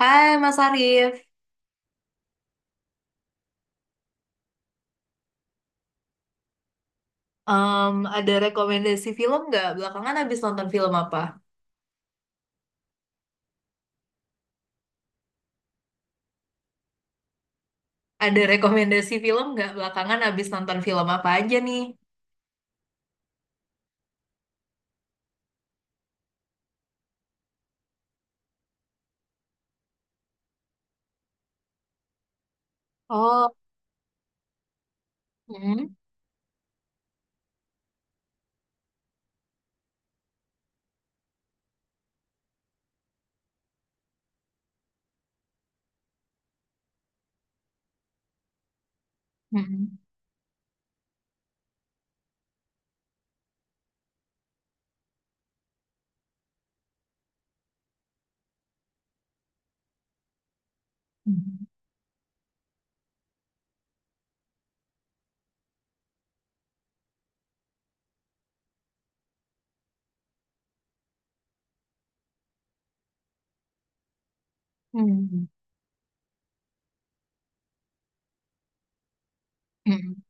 Hai Mas Arif. Ada rekomendasi film nggak? Belakangan habis nonton film apa? Ada rekomendasi film nggak? Belakangan habis nonton film apa aja nih? Oh, hmm, hmm, hmm, hmm, hmm,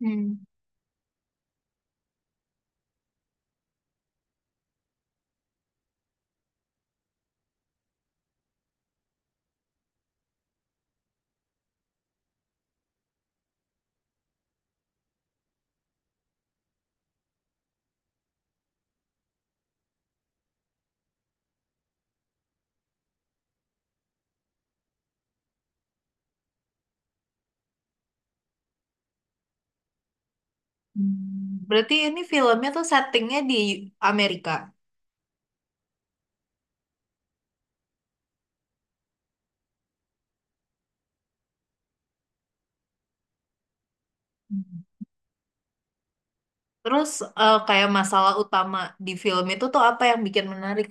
hmm, hmm. Berarti ini filmnya tuh settingnya di Amerika. Hmm. Terus kayak masalah utama di film itu tuh apa yang bikin menarik?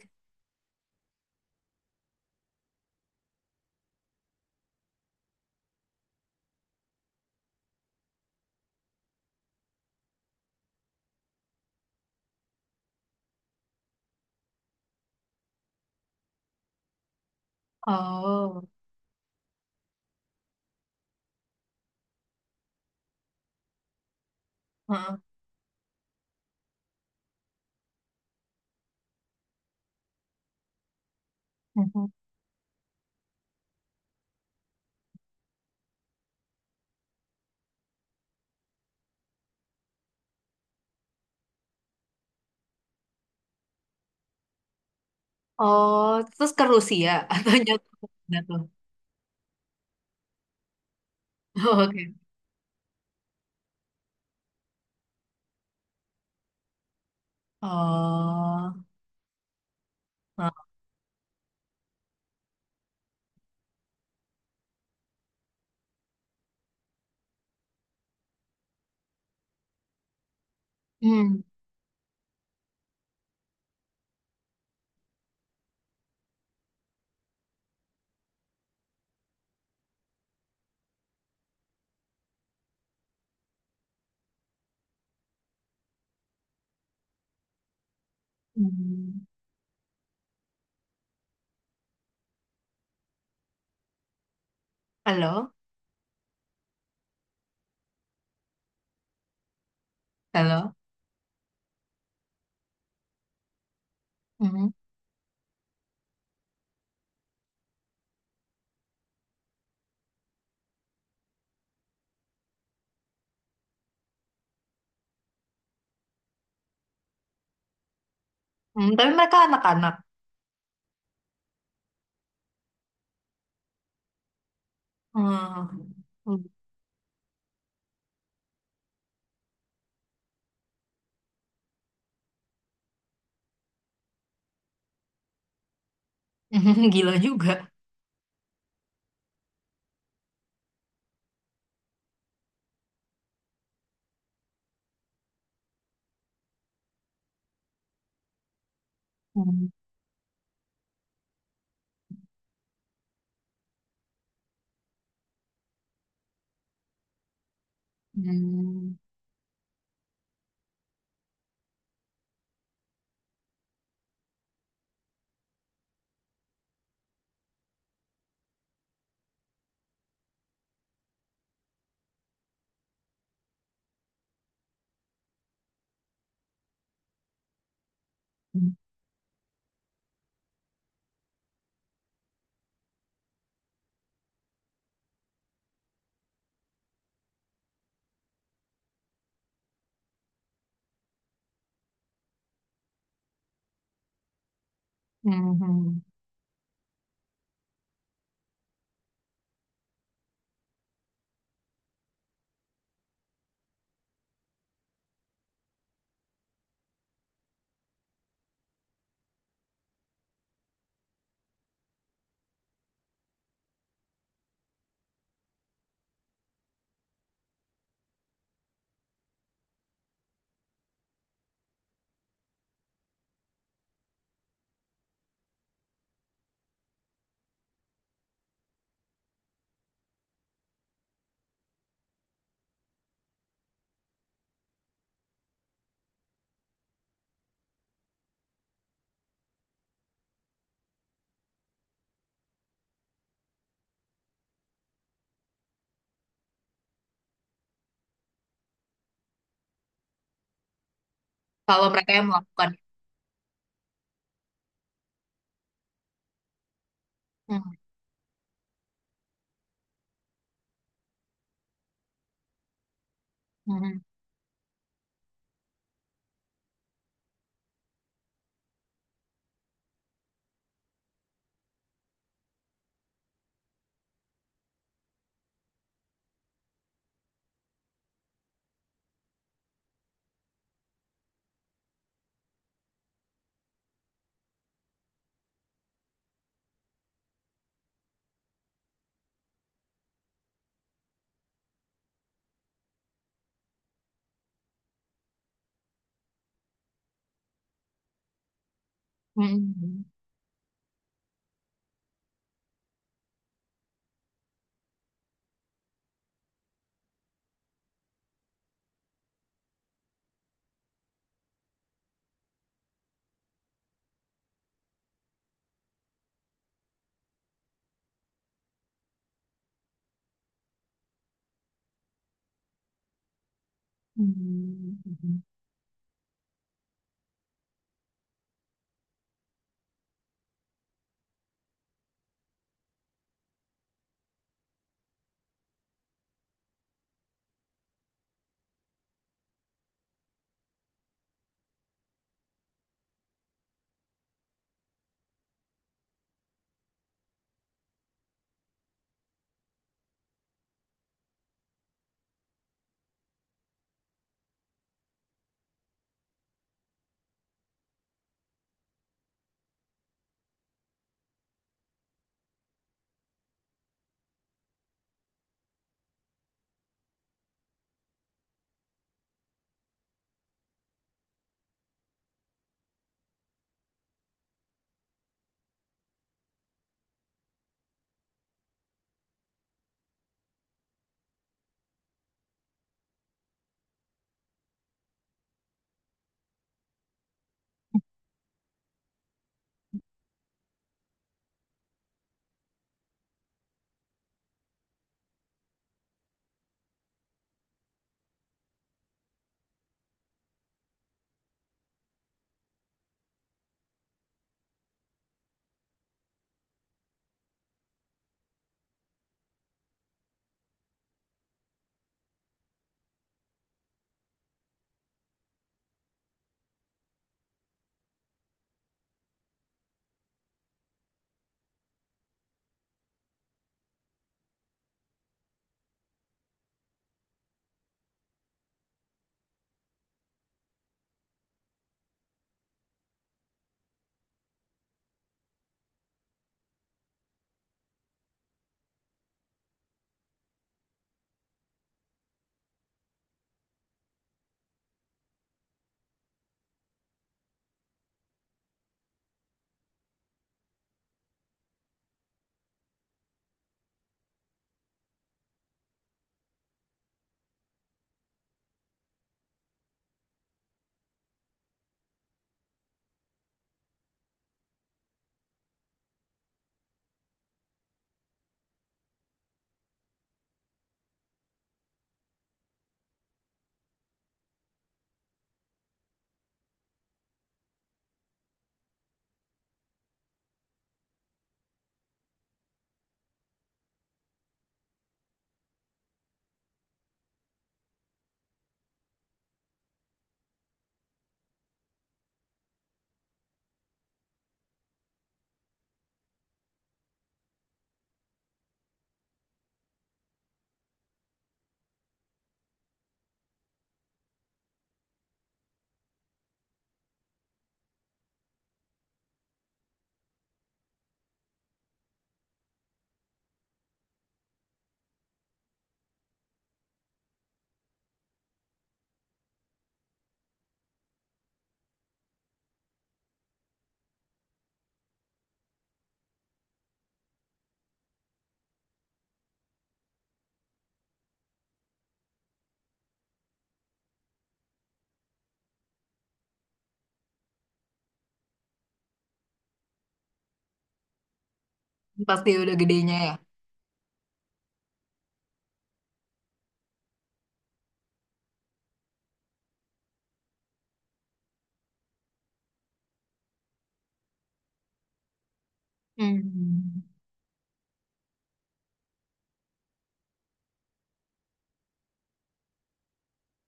Oh, heeh. Oh, terus ke Rusia atau jatuh? Jatuh. Oh, oke. Oh, nah, hmm. Hmm. Halo, halo. Hmm. Hmm, tapi mereka anak-anak. Hmm. Hmm. Gila juga. Hmm. Hmm. Hmm. Hmm. Kalau mereka yang melakukan. Hmm. Hmm. Hmm. Hmm. Pasti udah gedenya ya. Hmm.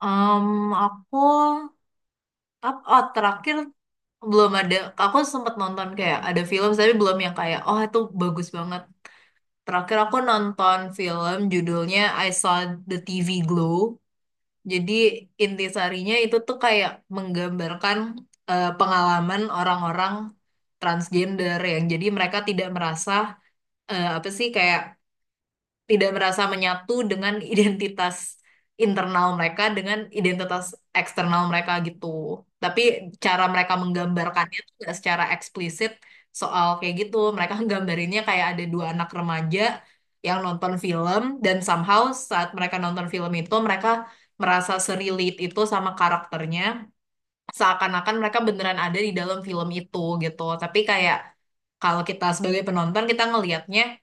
um, aku oh, terakhir belum ada. Aku sempat nonton kayak ada film tapi belum yang kayak oh itu bagus banget. Terakhir aku nonton film judulnya I Saw the TV Glow. Jadi intisarinya itu tuh kayak menggambarkan pengalaman orang-orang transgender yang jadi mereka tidak merasa apa sih kayak tidak merasa menyatu dengan identitas internal mereka dengan identitas eksternal mereka gitu. Tapi cara mereka menggambarkannya tuh nggak secara eksplisit soal kayak gitu. Mereka nggambarinnya kayak ada dua anak remaja yang nonton film dan somehow saat mereka nonton film itu mereka merasa serelate itu sama karakternya seakan-akan mereka beneran ada di dalam film itu gitu. Tapi kayak kalau kita sebagai penonton kita ngelihatnya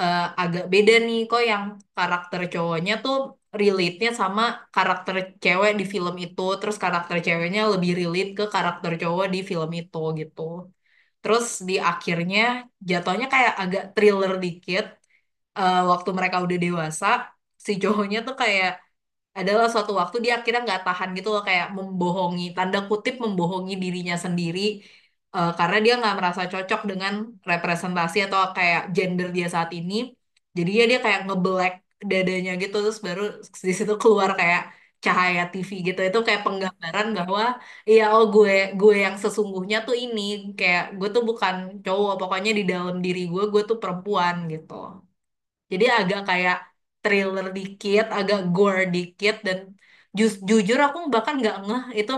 agak beda nih kok yang karakter cowoknya tuh relate-nya sama karakter cewek di film itu, terus karakter ceweknya lebih relate ke karakter cowok di film itu gitu. Terus di akhirnya jatuhnya kayak agak thriller dikit, waktu mereka udah dewasa si cowoknya tuh kayak adalah suatu waktu dia akhirnya nggak tahan gitu loh, kayak membohongi tanda kutip membohongi dirinya sendiri, karena dia nggak merasa cocok dengan representasi atau kayak gender dia saat ini, jadinya dia dia kayak ngebelek dadanya gitu, terus baru di situ keluar kayak cahaya TV gitu. Itu kayak penggambaran bahwa iya, oh, gue yang sesungguhnya tuh ini, kayak gue tuh bukan cowok, pokoknya di dalam diri gue tuh perempuan gitu. Jadi agak kayak thriller dikit, agak gore dikit, dan jujur aku bahkan nggak ngeh itu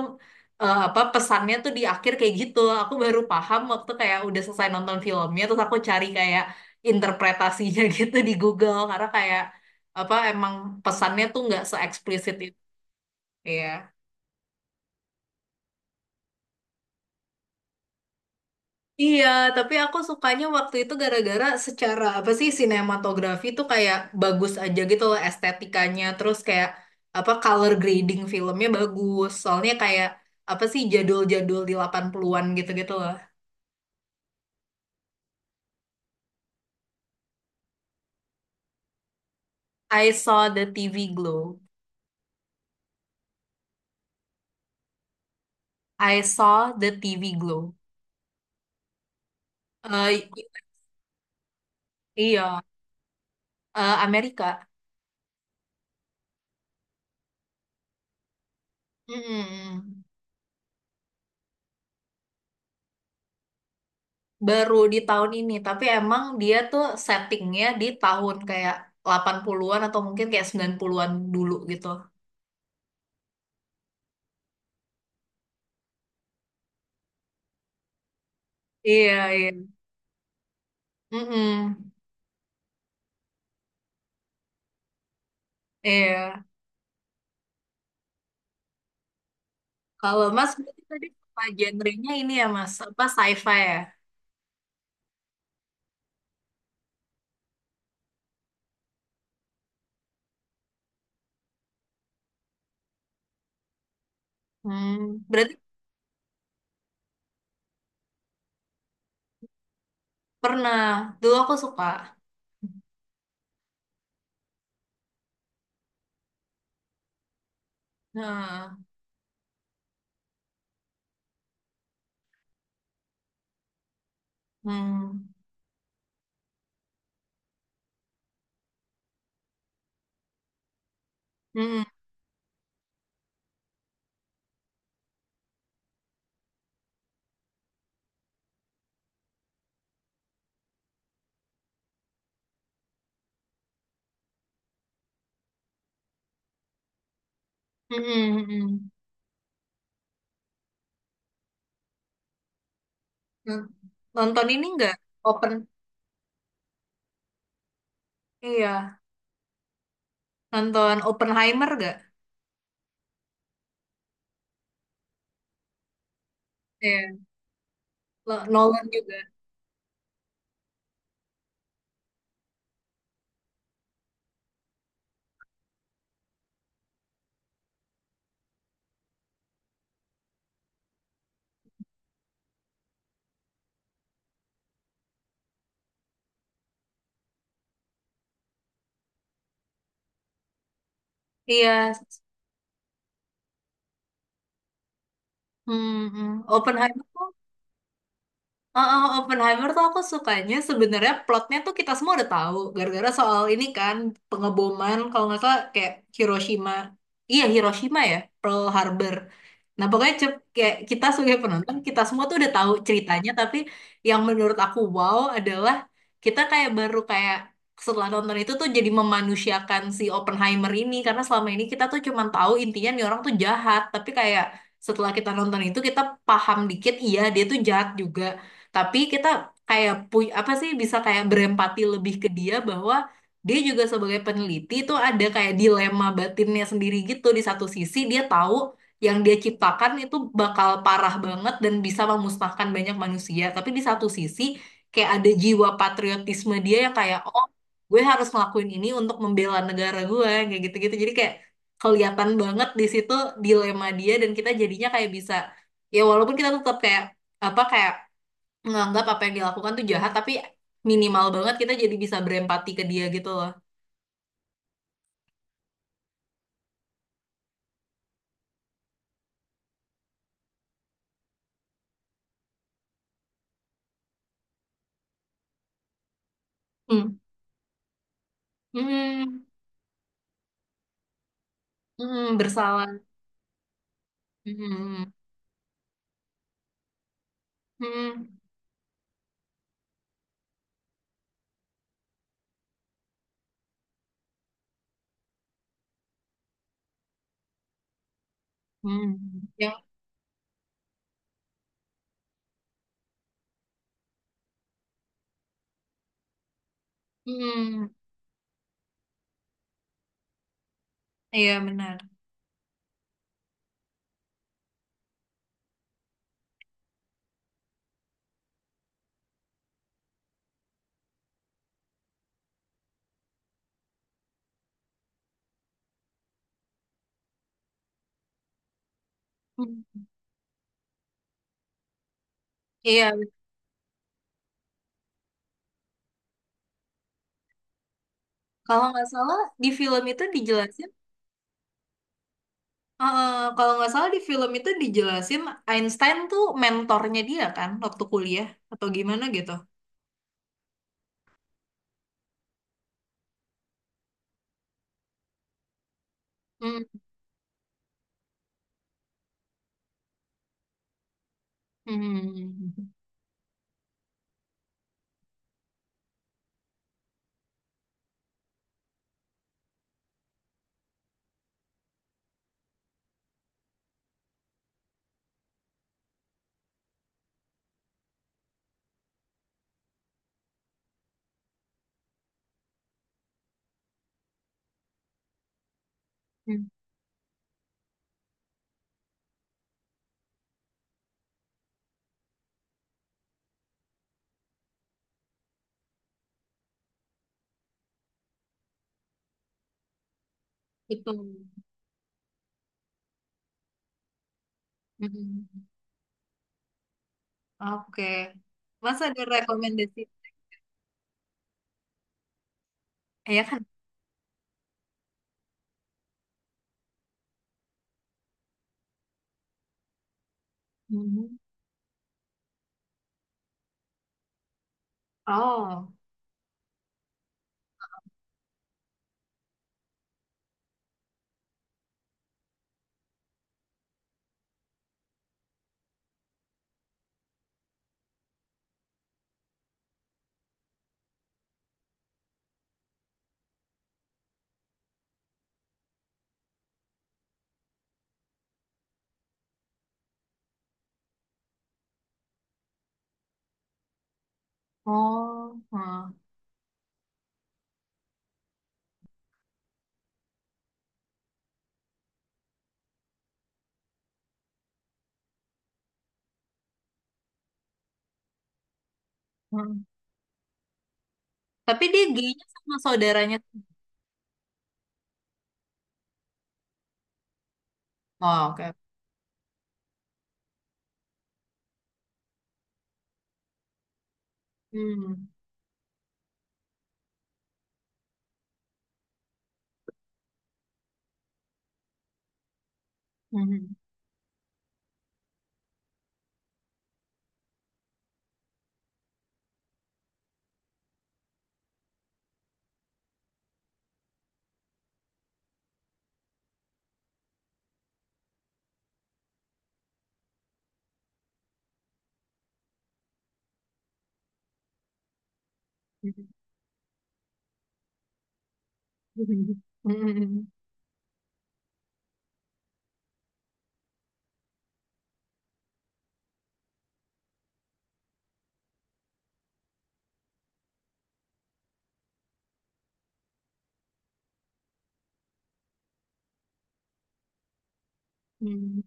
apa pesannya tuh di akhir kayak gitu. Aku baru paham waktu kayak udah selesai nonton filmnya, terus aku cari kayak interpretasinya gitu di Google karena kayak apa emang pesannya tuh nggak se-eksplisit itu. Iya. Iya, tapi aku sukanya waktu itu gara-gara secara apa sih sinematografi tuh kayak bagus aja gitu loh estetikanya, terus kayak apa color grading filmnya bagus. Soalnya kayak apa sih jadul-jadul di 80-an gitu-gitu loh. I saw the TV glow. I saw the TV glow. Eh, i- iya, eh, Amerika. Mm-mm. Baru di tahun ini, tapi emang dia tuh settingnya di tahun kayak 80-an atau mungkin kayak 90-an dulu gitu. Iya, iya. Mm-mm. Iya. Kalau Mas berarti tadi apa genrenya ini ya Mas? Apa sci-fi ya? Hmm. Berarti pernah. Dulu aku suka. Nah, hmm. Mm-mm. Mm-mm. Mm-mm. Mm. Nonton ini nggak? Open. Iya. Nonton Oppenheimer nggak? Iya. Nolan juga. Iya. Hmm. Mm. Oppenheimer. Oh, oh, Oppenheimer tuh aku sukanya sebenarnya plotnya tuh kita semua udah tahu gara-gara soal ini kan, pengeboman kalau nggak salah kayak Hiroshima, iya Hiroshima ya, Pearl Harbor. Nah pokoknya kayak kita sebagai penonton kita semua tuh udah tahu ceritanya, tapi yang menurut aku wow adalah kita kayak baru kayak setelah nonton itu tuh jadi memanusiakan si Oppenheimer ini, karena selama ini kita tuh cuma tahu intinya nih orang tuh jahat, tapi kayak setelah kita nonton itu kita paham dikit iya dia tuh jahat juga, tapi kita kayak punya apa sih bisa kayak berempati lebih ke dia bahwa dia juga sebagai peneliti itu ada kayak dilema batinnya sendiri gitu. Di satu sisi dia tahu yang dia ciptakan itu bakal parah banget dan bisa memusnahkan banyak manusia. Tapi di satu sisi kayak ada jiwa patriotisme dia yang kayak oh, gue harus ngelakuin ini untuk membela negara gue kayak gitu-gitu. Jadi kayak kelihatan banget di situ dilema dia, dan kita jadinya kayak bisa, ya walaupun kita tetap kayak apa kayak nganggap apa yang dilakukan tuh jahat, tapi minimal banget kita jadi bisa berempati ke dia gitu loh. Hmm. Hmm. Hmm, bersalah. Hmm. Hmm. Hmm. Ya. Hmm. Iya benar. Hmm. Iya, kalau nggak salah di film itu dijelasin, eh, kalau nggak salah di film itu dijelasin Einstein tuh mentornya dia kan waktu kuliah atau gimana gitu. Hmm. Hmm. Hmm. Itu. Hmm. Oke. Mas ada rekomendasi? Ya. Mhm. Oh, oh, hmm, hmm. Tapi dia gaynya sama saudaranya. Oh, oke. Hmm, hmm, hmm, hmm, hmm,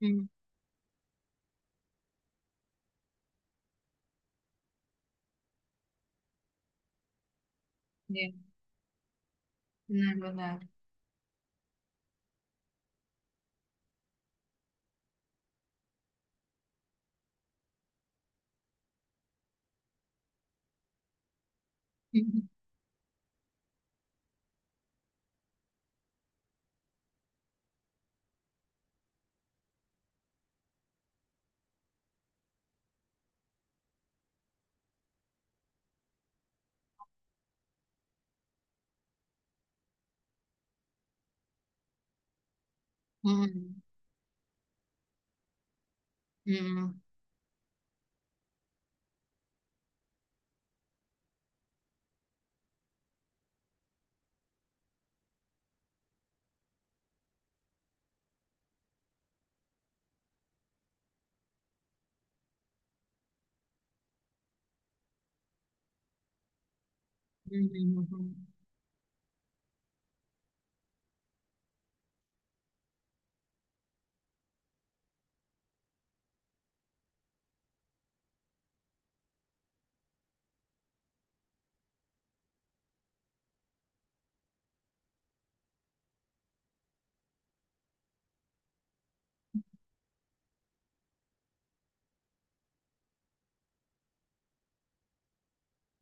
hmm. Iya, benar-benar. Hmm, hmm, hmm, hmm,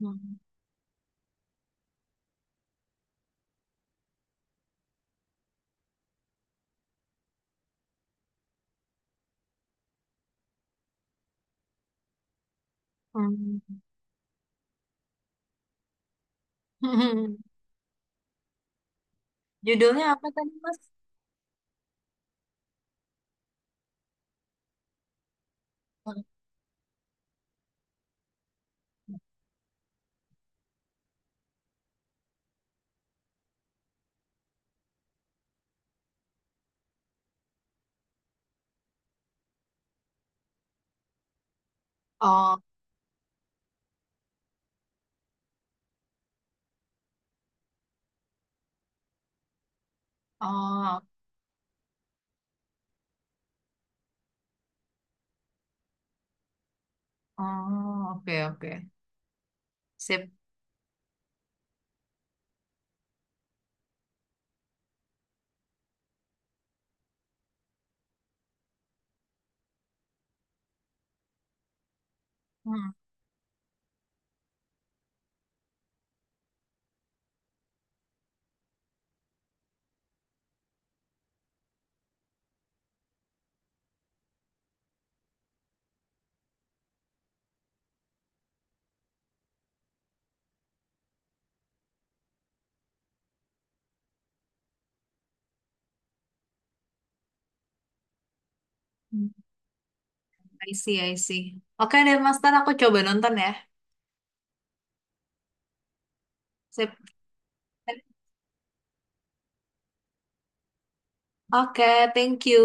hmm, hmm. Hmm. Judulnya apa tadi, Mas? Oh, oh, oh, oke, oke. Sip. Hmm. I see, I see. Oke deh, Mas. Ntar aku coba nonton ya. Sip. Oke, thank you.